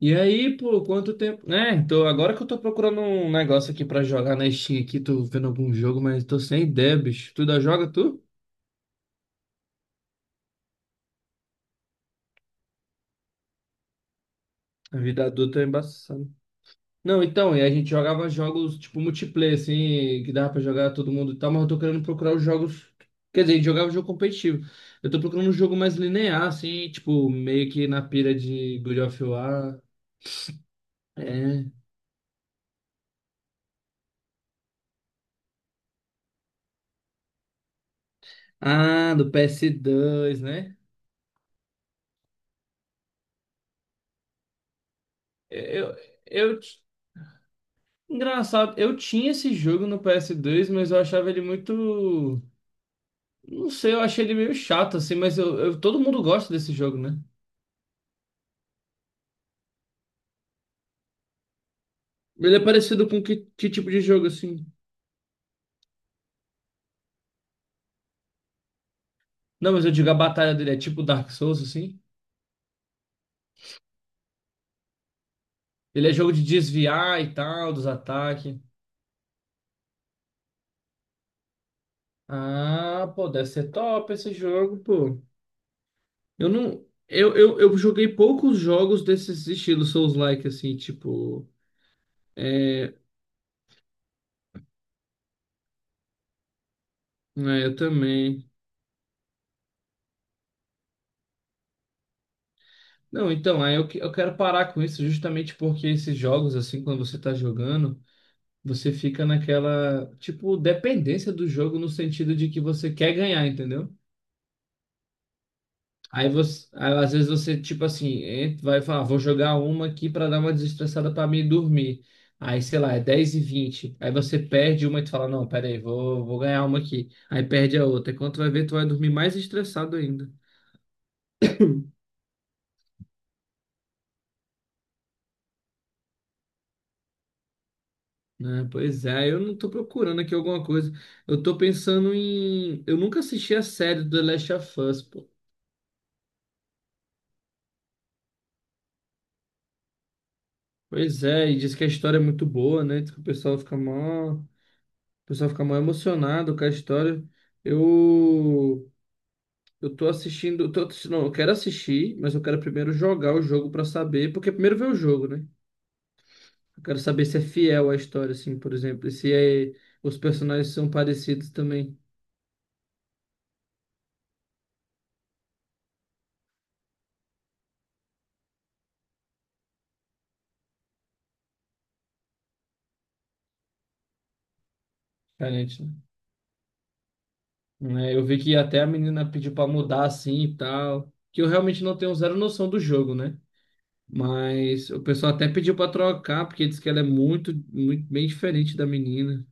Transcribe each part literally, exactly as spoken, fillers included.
E aí, pô, quanto tempo, né? Então, agora que eu tô procurando um negócio aqui pra jogar na Steam aqui, tô vendo algum jogo, mas tô sem ideia, bicho. Tu ainda joga, tu? A vida adulta é embaçada. Não, então, e a gente jogava jogos tipo multiplayer, assim, que dava pra jogar todo mundo e tal, mas eu tô querendo procurar os jogos. Quer dizer, a gente jogava jogo competitivo. Eu tô procurando um jogo mais linear, assim, tipo, meio que na pira de God of War. É. Ah, do PS dois, né? Eu, eu, engraçado, eu tinha esse jogo no P S dois, mas eu achava ele muito. Não sei, eu achei ele meio chato, assim, mas eu, eu- todo mundo gosta desse jogo, né? Ele é parecido com que, que tipo de jogo, assim? Não, mas eu digo a batalha dele é tipo Dark Souls, assim? Ele é jogo de desviar e tal, dos ataques. Ah, pô, deve ser top esse jogo, pô. Eu não. Eu, eu, eu joguei poucos jogos desses estilos Souls-like, assim, tipo. É, é, eu também. Não, então, aí eu, que- eu quero parar com isso justamente porque esses jogos, assim, quando você tá jogando, você fica naquela, tipo, dependência do jogo no sentido de que você quer ganhar, entendeu? Aí você, aí, às vezes você, tipo assim, en- vai falar: "Ah, vou jogar uma aqui pra dar uma desestressada pra mim dormir." Aí, sei lá, é dez e vinte. Aí você perde uma e tu fala: não, pera aí, vou, vou ganhar uma aqui. Aí perde a outra. E quando tu vai ver, tu vai dormir mais estressado ainda. Né? Pois é, eu não tô procurando aqui alguma coisa. Eu tô pensando em... Eu nunca assisti a série do The Last of Us, pô. Pois é, e diz que a história é muito boa, né? Diz que o pessoal fica mó. O pessoal fica mó emocionado com a história. Eu. Eu tô assistindo. eu Tô... assistindo- Não, eu quero assistir, mas eu quero primeiro jogar o jogo pra saber. Porque primeiro ver o jogo, né? Eu quero saber se é fiel à história, assim, por exemplo. E se é... os personagens são parecidos também. Diferente, né? né? Eu vi que até a menina pediu pra mudar assim e tal, que eu realmente não tenho zero noção do jogo, né? Mas o pessoal até pediu pra trocar, porque diz que ela é muito, muito bem diferente da menina.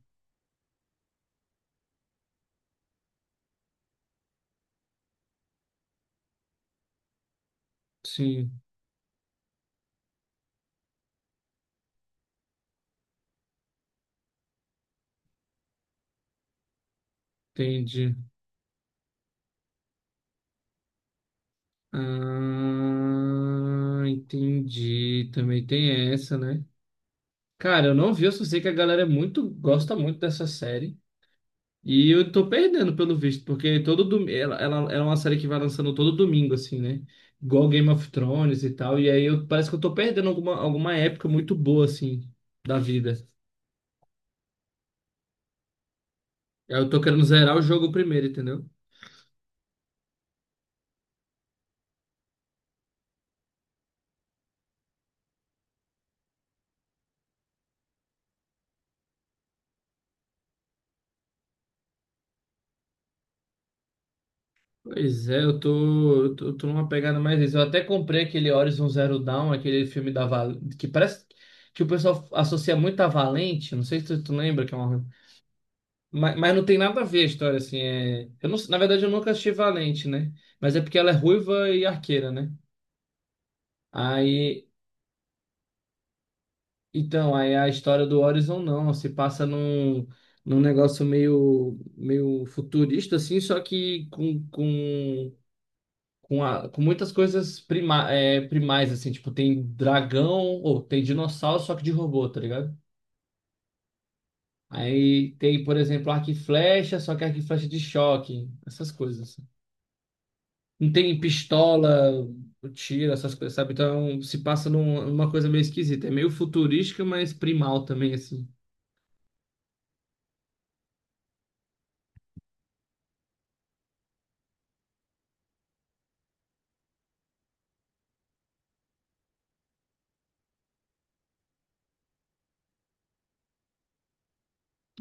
Sim, entendi. Ah, entendi. Também tem essa, né? Cara, eu não vi, eu só sei que a galera é muito, gosta muito dessa série. E eu tô perdendo, pelo visto, porque todo domingo... Ela, ela, é uma série que vai lançando todo domingo, assim, né? Igual Game of Thrones e tal. E aí eu, parece que eu tô perdendo alguma, alguma época muito boa, assim, da vida. Aí eu tô querendo zerar o jogo primeiro, entendeu? Pois é, eu tô, eu tô, eu tô numa pegada mais isso. Eu até comprei aquele Horizon Zero Dawn, aquele filme da Val... que parece que o pessoal associa muito a Valente. Não sei se tu, tu lembra, que é uma... Mas, mas não tem nada a ver a história, assim. É... eu não, na verdade, eu nunca assisti Valente, né? Mas é porque ela é ruiva e arqueira, né? Aí, então, aí a história do Horizon não, se passa num... num negócio meio, meio futurista, assim, só que com, com, com, a- com muitas coisas prima, é, primais, assim, tipo, tem dragão, ou tem dinossauro, só que de robô, tá ligado? Aí tem, por exemplo, arco e flecha, só que arco e flecha de choque, essas coisas. Não tem pistola, tiro, essas coisas, sabe? Então se passa num- numa coisa meio esquisita. É meio futurística, mas primal também, assim.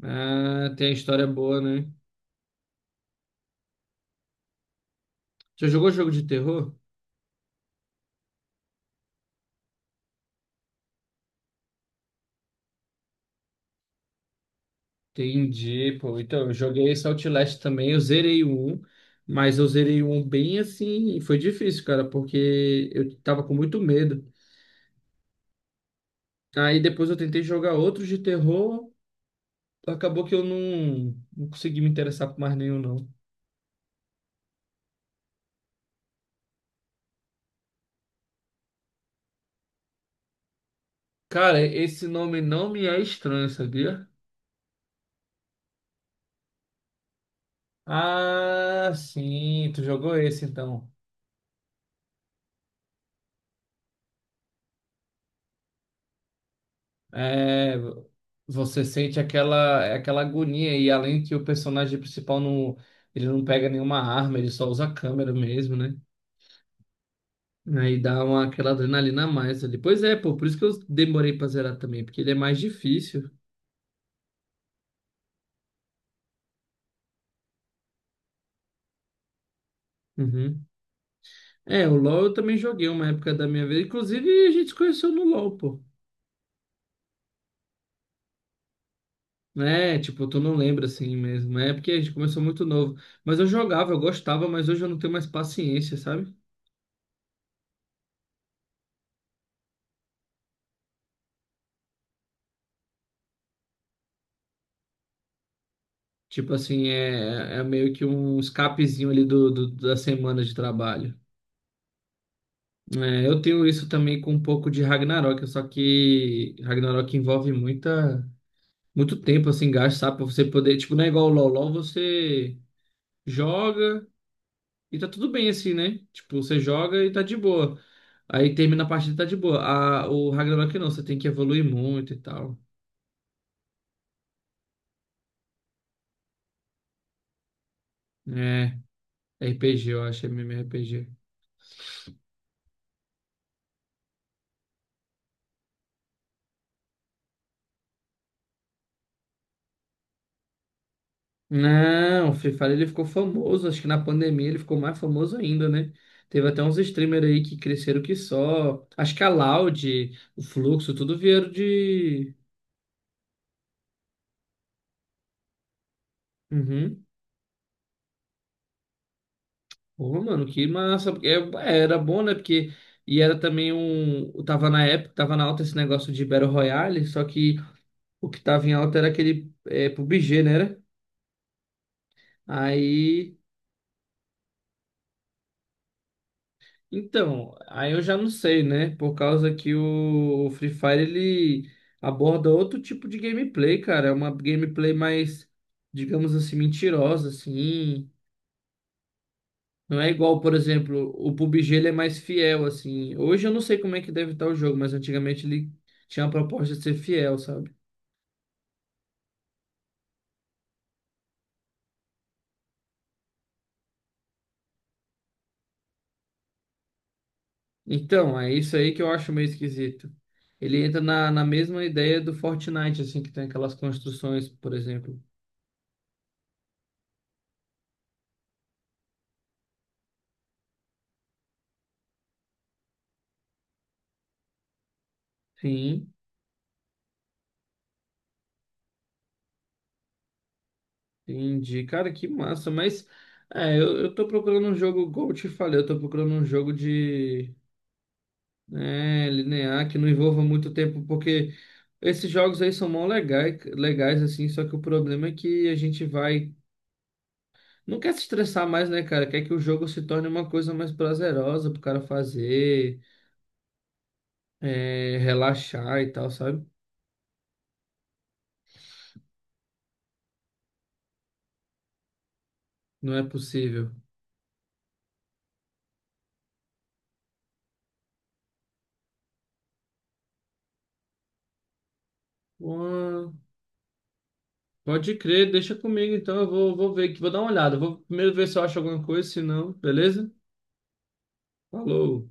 Ah, tem a história boa, né? Já jogou jogo de terror? Entendi, pô. Então, eu joguei esse Outlast também, eu zerei o um, mas eu zerei o um bem assim, e foi difícil, cara, porque eu tava com muito medo. Aí depois eu tentei jogar outros de terror, acabou que eu não, não consegui me interessar por mais nenhum, não. Cara, esse nome não me é estranho, sabia? Ah, sim, tu jogou esse então. É, você sente aquela... é aquela agonia, e além que o personagem principal não, ele não pega nenhuma arma, ele só usa a câmera mesmo, né? Aí dá uma, aquela adrenalina a mais ali. Pois é, pô, por isso que eu demorei pra zerar também, porque ele é mais difícil. Uhum. É, o LoL eu também joguei uma época da minha vida. Inclusive, a gente se conheceu no LoL, pô. É, tipo, tu não lembra assim mesmo. É porque a gente começou muito novo. Mas eu jogava, eu gostava, mas hoje eu não tenho mais paciência, sabe? Tipo assim, é, é meio que um escapezinho ali do, do- da semana de trabalho. É, eu tenho isso também com um pouco de Ragnarok, só que Ragnarok envolve muita, muito tempo assim, gasto, sabe? Pra você poder, tipo, não é igual o LoL. LoL você joga e tá tudo bem assim, né? Tipo, você joga e tá de boa. Aí termina a partida e tá de boa. A, o Ragnarok não, você tem que evoluir muito e tal. É, R P G, eu acho, é MMORPG. Não, o Free Fire ele ficou famoso, acho que na pandemia ele ficou mais famoso ainda, né? Teve até uns streamers aí que cresceram que só. Acho que a Loud, o Fluxo, tudo vieram de... Uhum. Porra, mano, que massa. Porque é- era bom, né? Porque... E era também um... Tava na época, tava na alta esse negócio de Battle Royale, só que o que tava em alta era aquele, é, P U B G, né? Aí, então, aí eu já não sei, né? Por causa que o, o Free Fire ele aborda outro tipo de gameplay, cara. É uma gameplay mais, digamos assim, mentirosa, assim. Não é igual, por exemplo, o pabigê ele é mais fiel, assim. Hoje eu não sei como é que deve estar o jogo, mas antigamente ele tinha a proposta de ser fiel, sabe? Então, é isso aí que eu acho meio esquisito. Ele entra na, na mesma ideia do Fortnite, assim, que tem aquelas construções, por exemplo. Sim. Entendi, cara, que massa, mas é, eu, eu tô procurando um jogo, como eu te falei, eu tô procurando um jogo de, né, linear, que não envolva muito tempo, porque esses jogos aí são mó legais, legais, assim, só que o problema é que a gente vai, não quer se estressar mais, né, cara, quer que o jogo se torne uma coisa mais prazerosa pro cara fazer, é, relaxar e tal, sabe? Não é possível. Ué, pode crer, deixa comigo então, eu vou, vou ver aqui, vou dar uma olhada, vou primeiro ver se eu acho alguma coisa, se não, beleza? Falou.